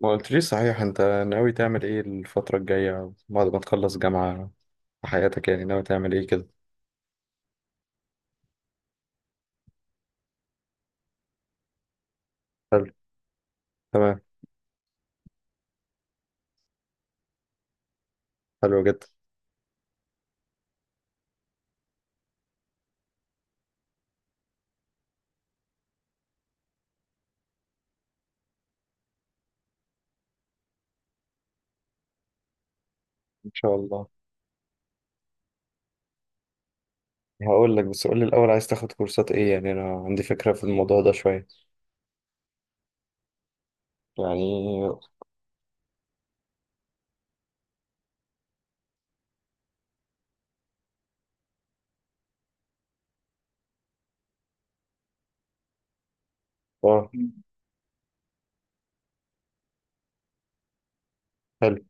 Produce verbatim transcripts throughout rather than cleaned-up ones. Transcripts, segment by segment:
ما قلتليش صحيح، انت ناوي تعمل ايه الفترة الجاية بعد ما تخلص جامعة في حياتك؟ يعني ناوي تعمل ايه كده؟ حلو. تمام. حلو جدا. ان شاء الله. هقول لك، بس قول لي الاول، عايز تاخد كورسات ايه؟ يعني انا عندي فكرة في الموضوع ده شوية يعني. اه. حلو.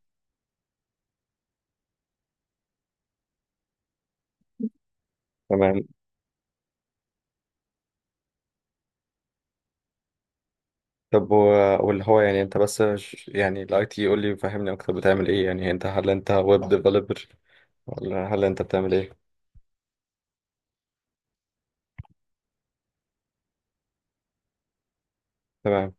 تمام. طب و- واللي هو يعني انت بس ش- يعني الاي تي، قول لي فهمني اكتر بتعمل ايه يعني. انت هل انت ويب ديفلوبر، ولا هل انت بتعمل ايه؟ تمام.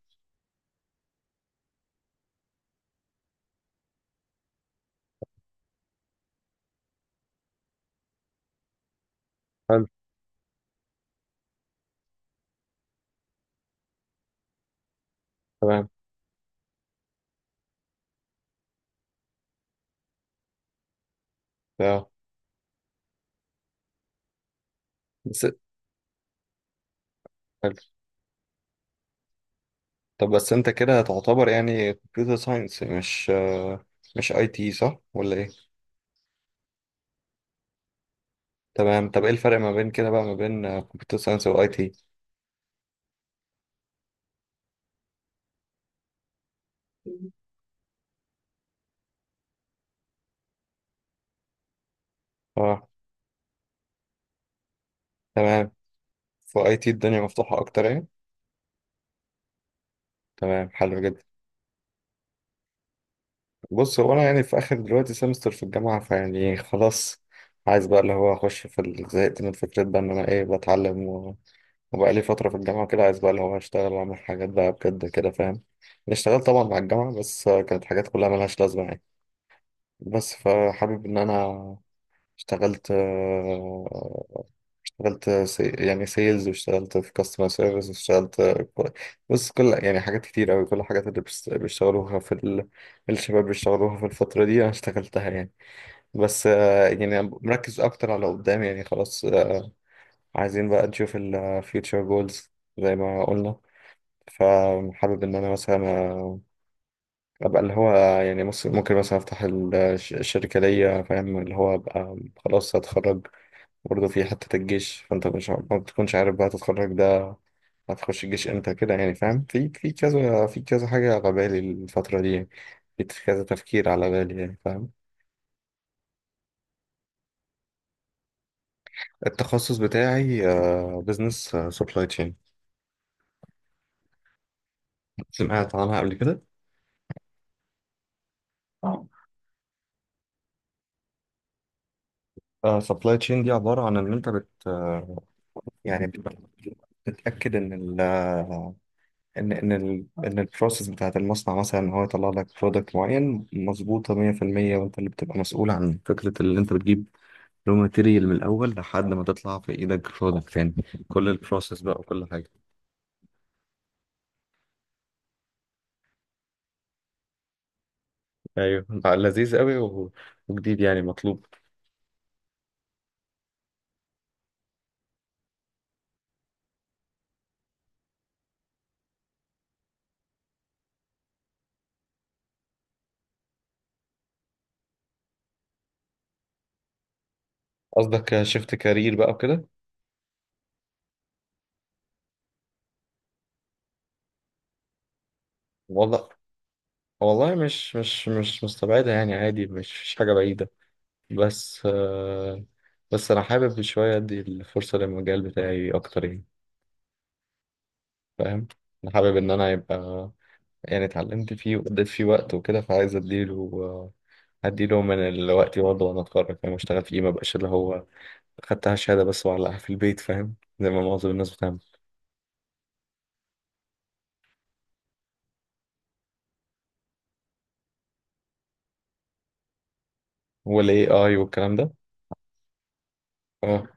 حلو. تمام. اه بس حلو. طب بس انت كده هتعتبر يعني كمبيوتر ساينس، مش مش اي تي، صح ولا ايه؟ تمام. طب ايه الفرق ما بين كده بقى، ما بين كمبيوتر ساينس واي تي؟ اه. تمام. في اي تي الدنيا مفتوحة اكتر يعني. تمام. حلو جدا. بص، هو انا يعني في اخر دلوقتي سمستر في الجامعة، فيعني خلاص عايز بقى اللي هو اخش في ال- زهقت من فكرة بقى ان انا ايه بتعلم، و- وبقى لي فترة في الجامعة كده. عايز بقى اللي هو اشتغل واعمل حاجات بقى بجد كده، فاهم يعني؟ اشتغلت طبعا مع الجامعة، بس كانت حاجات كلها ملهاش لازمة يعني. بس فحابب ان انا، اشتغلت آه، اشتغلت سي... يعني سيلز، واشتغلت في كاستمر سيرفيس، واشتغلت كو- بص، كل يعني حاجات كتير قوي، كل الحاجات اللي بس- بيشتغلوها في ال... الشباب بيشتغلوها في الفترة دي انا اشتغلتها يعني. بس آه، يعني أنا مركز اكتر على قدام، يعني خلاص آه، عايزين بقى نشوف ال future goals زي ما قلنا. فحابب ان انا مثلا ابقى اللي هو يعني، بص ممكن مثلا افتح ال- الش- الشركه ليا، فاهم؟ اللي هو ابقى خلاص هتخرج، برضه في حته الجيش، فانت مش ع- ما بتكونش عارف بقى تتخرج ده هتخش الجيش امتى كده، يعني فاهم؟ في في كذا، في كذا حاجه على بالي الفتره دي يعني. في كذا تفكير على بالي يعني، فاهم؟ التخصص بتاعي بزنس سبلاي تشين. سمعت عنها قبل كده؟ سبلاي تشين دي عباره عن ان انت بت آه، يعني بت- بتتاكد ان ان ان ال ان البروسيس بتاعت المصنع مثلا، ان هو يطلع لك برودكت معين مظبوطه مئة في المئة. وانت اللي بتبقى مسؤول عن فكره اللي انت بتجيب رو ماتيريال من الاول لحد ما تطلع في ايدك برودكت تاني. كل البروسيس بقى وكل حاجه. ايوه بقى، لذيذ قوي، و- وجديد يعني، مطلوب. قصدك شفت كارير بقى وكده؟ والله، والله مش مش مش مستبعدة يعني، عادي، مش مش حاجة بعيدة. بس آه، بس أنا حابب شوية أدي الفرصة للمجال بتاعي أكتر يعني، فاهم؟ انا حابب ان انا يبقى، يعني اتعلمت فيه وقضيت فيه وقت وكده، فعايز اديله، هديله من الوقت برضه، وانا اتخرج فاهم اشتغل فيه، ما بقاش اللي هو خدتها شهادة بس وعلقها في البيت، فاهم؟ زي ما معظم الناس بتعمل. والاي اي والكلام ده. اه،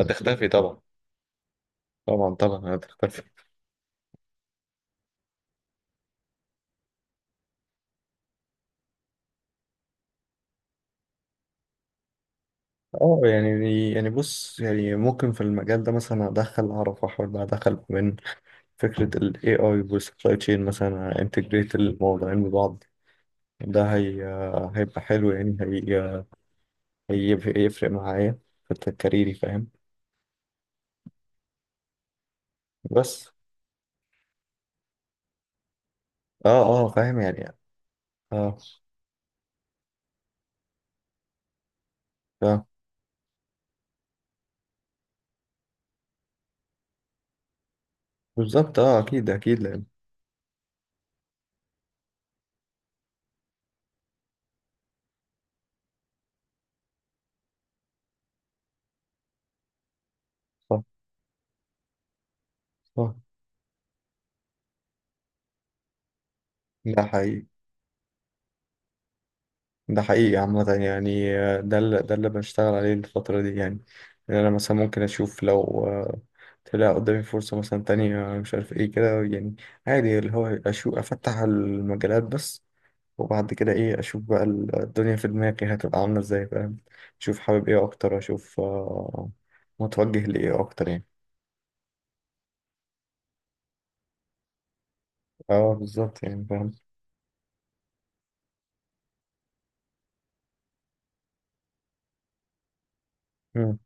هتختفي طبعا. طبعا طبعا هتختفي. اه يعني، يعني بص، يعني ممكن في المجال ده مثلا ادخل، اعرف احاول بقى ادخل من فكرة ال A I وال supply chain، مثلا انتجريت الموضوعين ببعض. ده هي هيبقى حلو يعني، هي هيف- هيفرق معايا في كاريري، فاهم؟ بس اه، اه فاهم يعني، اه ف- بالظبط، اه اكيد اكيد، لان صح صح. ده حقيقي، ده حقيقي عامة يعني. آه، ده اللي ده اللي بنشتغل عليه الفترة دي يعني. إن أنا مثلا ممكن أشوف لو آه، طلع قدامي فرصة مثلا تانية مش عارف إيه كده يعني، عادي، اللي هو أشوف أفتح المجالات بس، وبعد كده إيه أشوف بقى ال- الدنيا في دماغي هتبقى عاملة إزاي، فاهم؟ أشوف حابب إيه أكتر، أشوف آه، متوجه لإيه أكتر يعني. أه بالظبط يعني، فاهم. مم،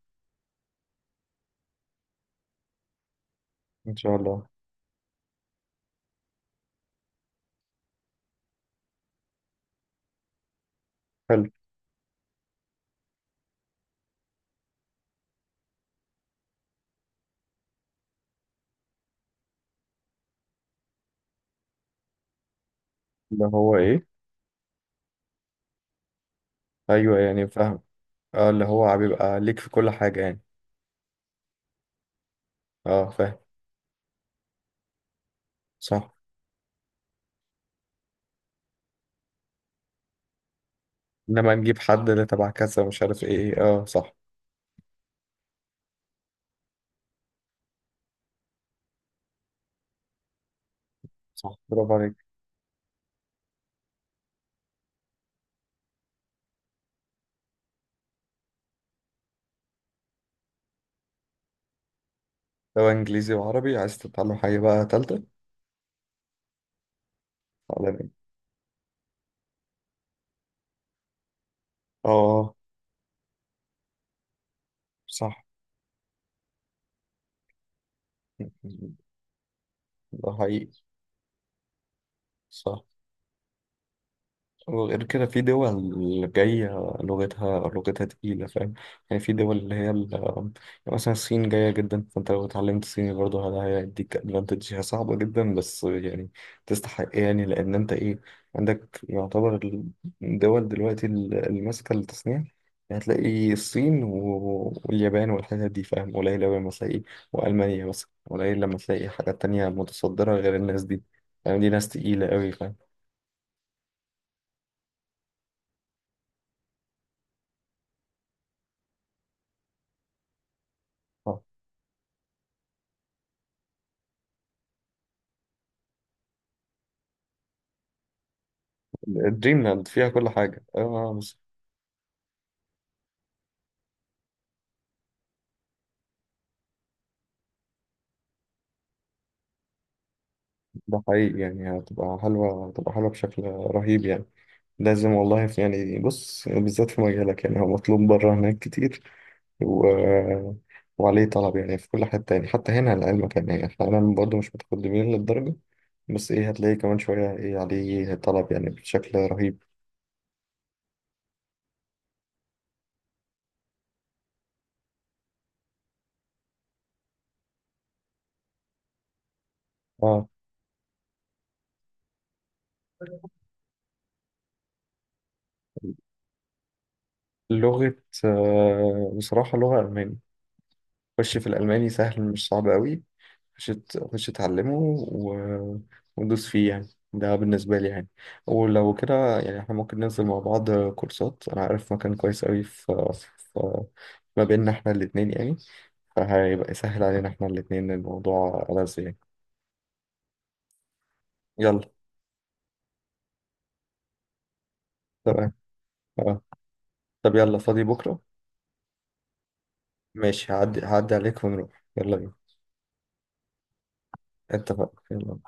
إن شاء الله. حلو. اللي هو إيه. أيوه يعني، فاهم. أه، اللي هو بيبقى ليك في كل حاجة يعني. أه فاهم. صح. انما نجيب حد اللي تبع كذا، مش عارف ايه، اه صح. صح، برافو عليك. سواء انجليزي وعربي، عايز تتعلم حاجة بقى تالتة؟ تعلم ايه؟ اه. صح. ده حقيقي. صح. وغير كده في دول جاية لغتها، لغتها تقيلة، فاهم؟ يعني في دول اللي هي ال- يعني مثلا الصين جاية جدا، فانت لو اتعلمت صيني برضه هذا هيديك ادفانتج. هي صعبة جدا، بس يعني تستحق يعني، لأن انت ايه عندك يعتبر الدول دلوقتي ال- اللي ماسكة التصنيع يعني. هتلاقي الصين و- واليابان والحتت دي، فاهم؟ قليل أوي لما تلاقي، وألمانيا مثلا، قليل لما تلاقي حاجات تانية متصدرة غير الناس دي. يعني دي ناس تقيلة أوي، فاهم؟ آه. دريم لاند، فيها كل حاجة. اه بس. ده حقيقي يعني، هتبقى حلوة، هتبقى حلوة بشكل رهيب يعني. لازم والله. في يعني، بص بالذات في مجالك يعني، هو مطلوب بره هناك كتير، و... وعليه طلب يعني في كل حتة يعني. حتى هنا، لعلمك يعني، يعني احنا هنا برضه مش متقدمين للدرجة، بس ايه، هتلاقي كمان شوية ايه عليه طلب يعني بشكل رهيب. اه. لغة آه، بصراحة لغة ألماني. خش في الألماني، سهل مش صعب قوي. خش، خش اتعلمه. و... وندوس فيه يعني. ده بالنسبة لي يعني. ولو كده يعني احنا ممكن ننزل مع بعض كورسات، أنا عارف مكان كويس أوي في, في... ما بيننا احنا الاتنين يعني، فهيبقى يسهل علينا احنا الاتنين، الموضوع لذيذ يعني. يلا. تمام. اه. طب يلا، فاضي بكرة؟ ماشي، هعدي هعدي عليك، ونروح يلا بينا. اتفقنا. يلا.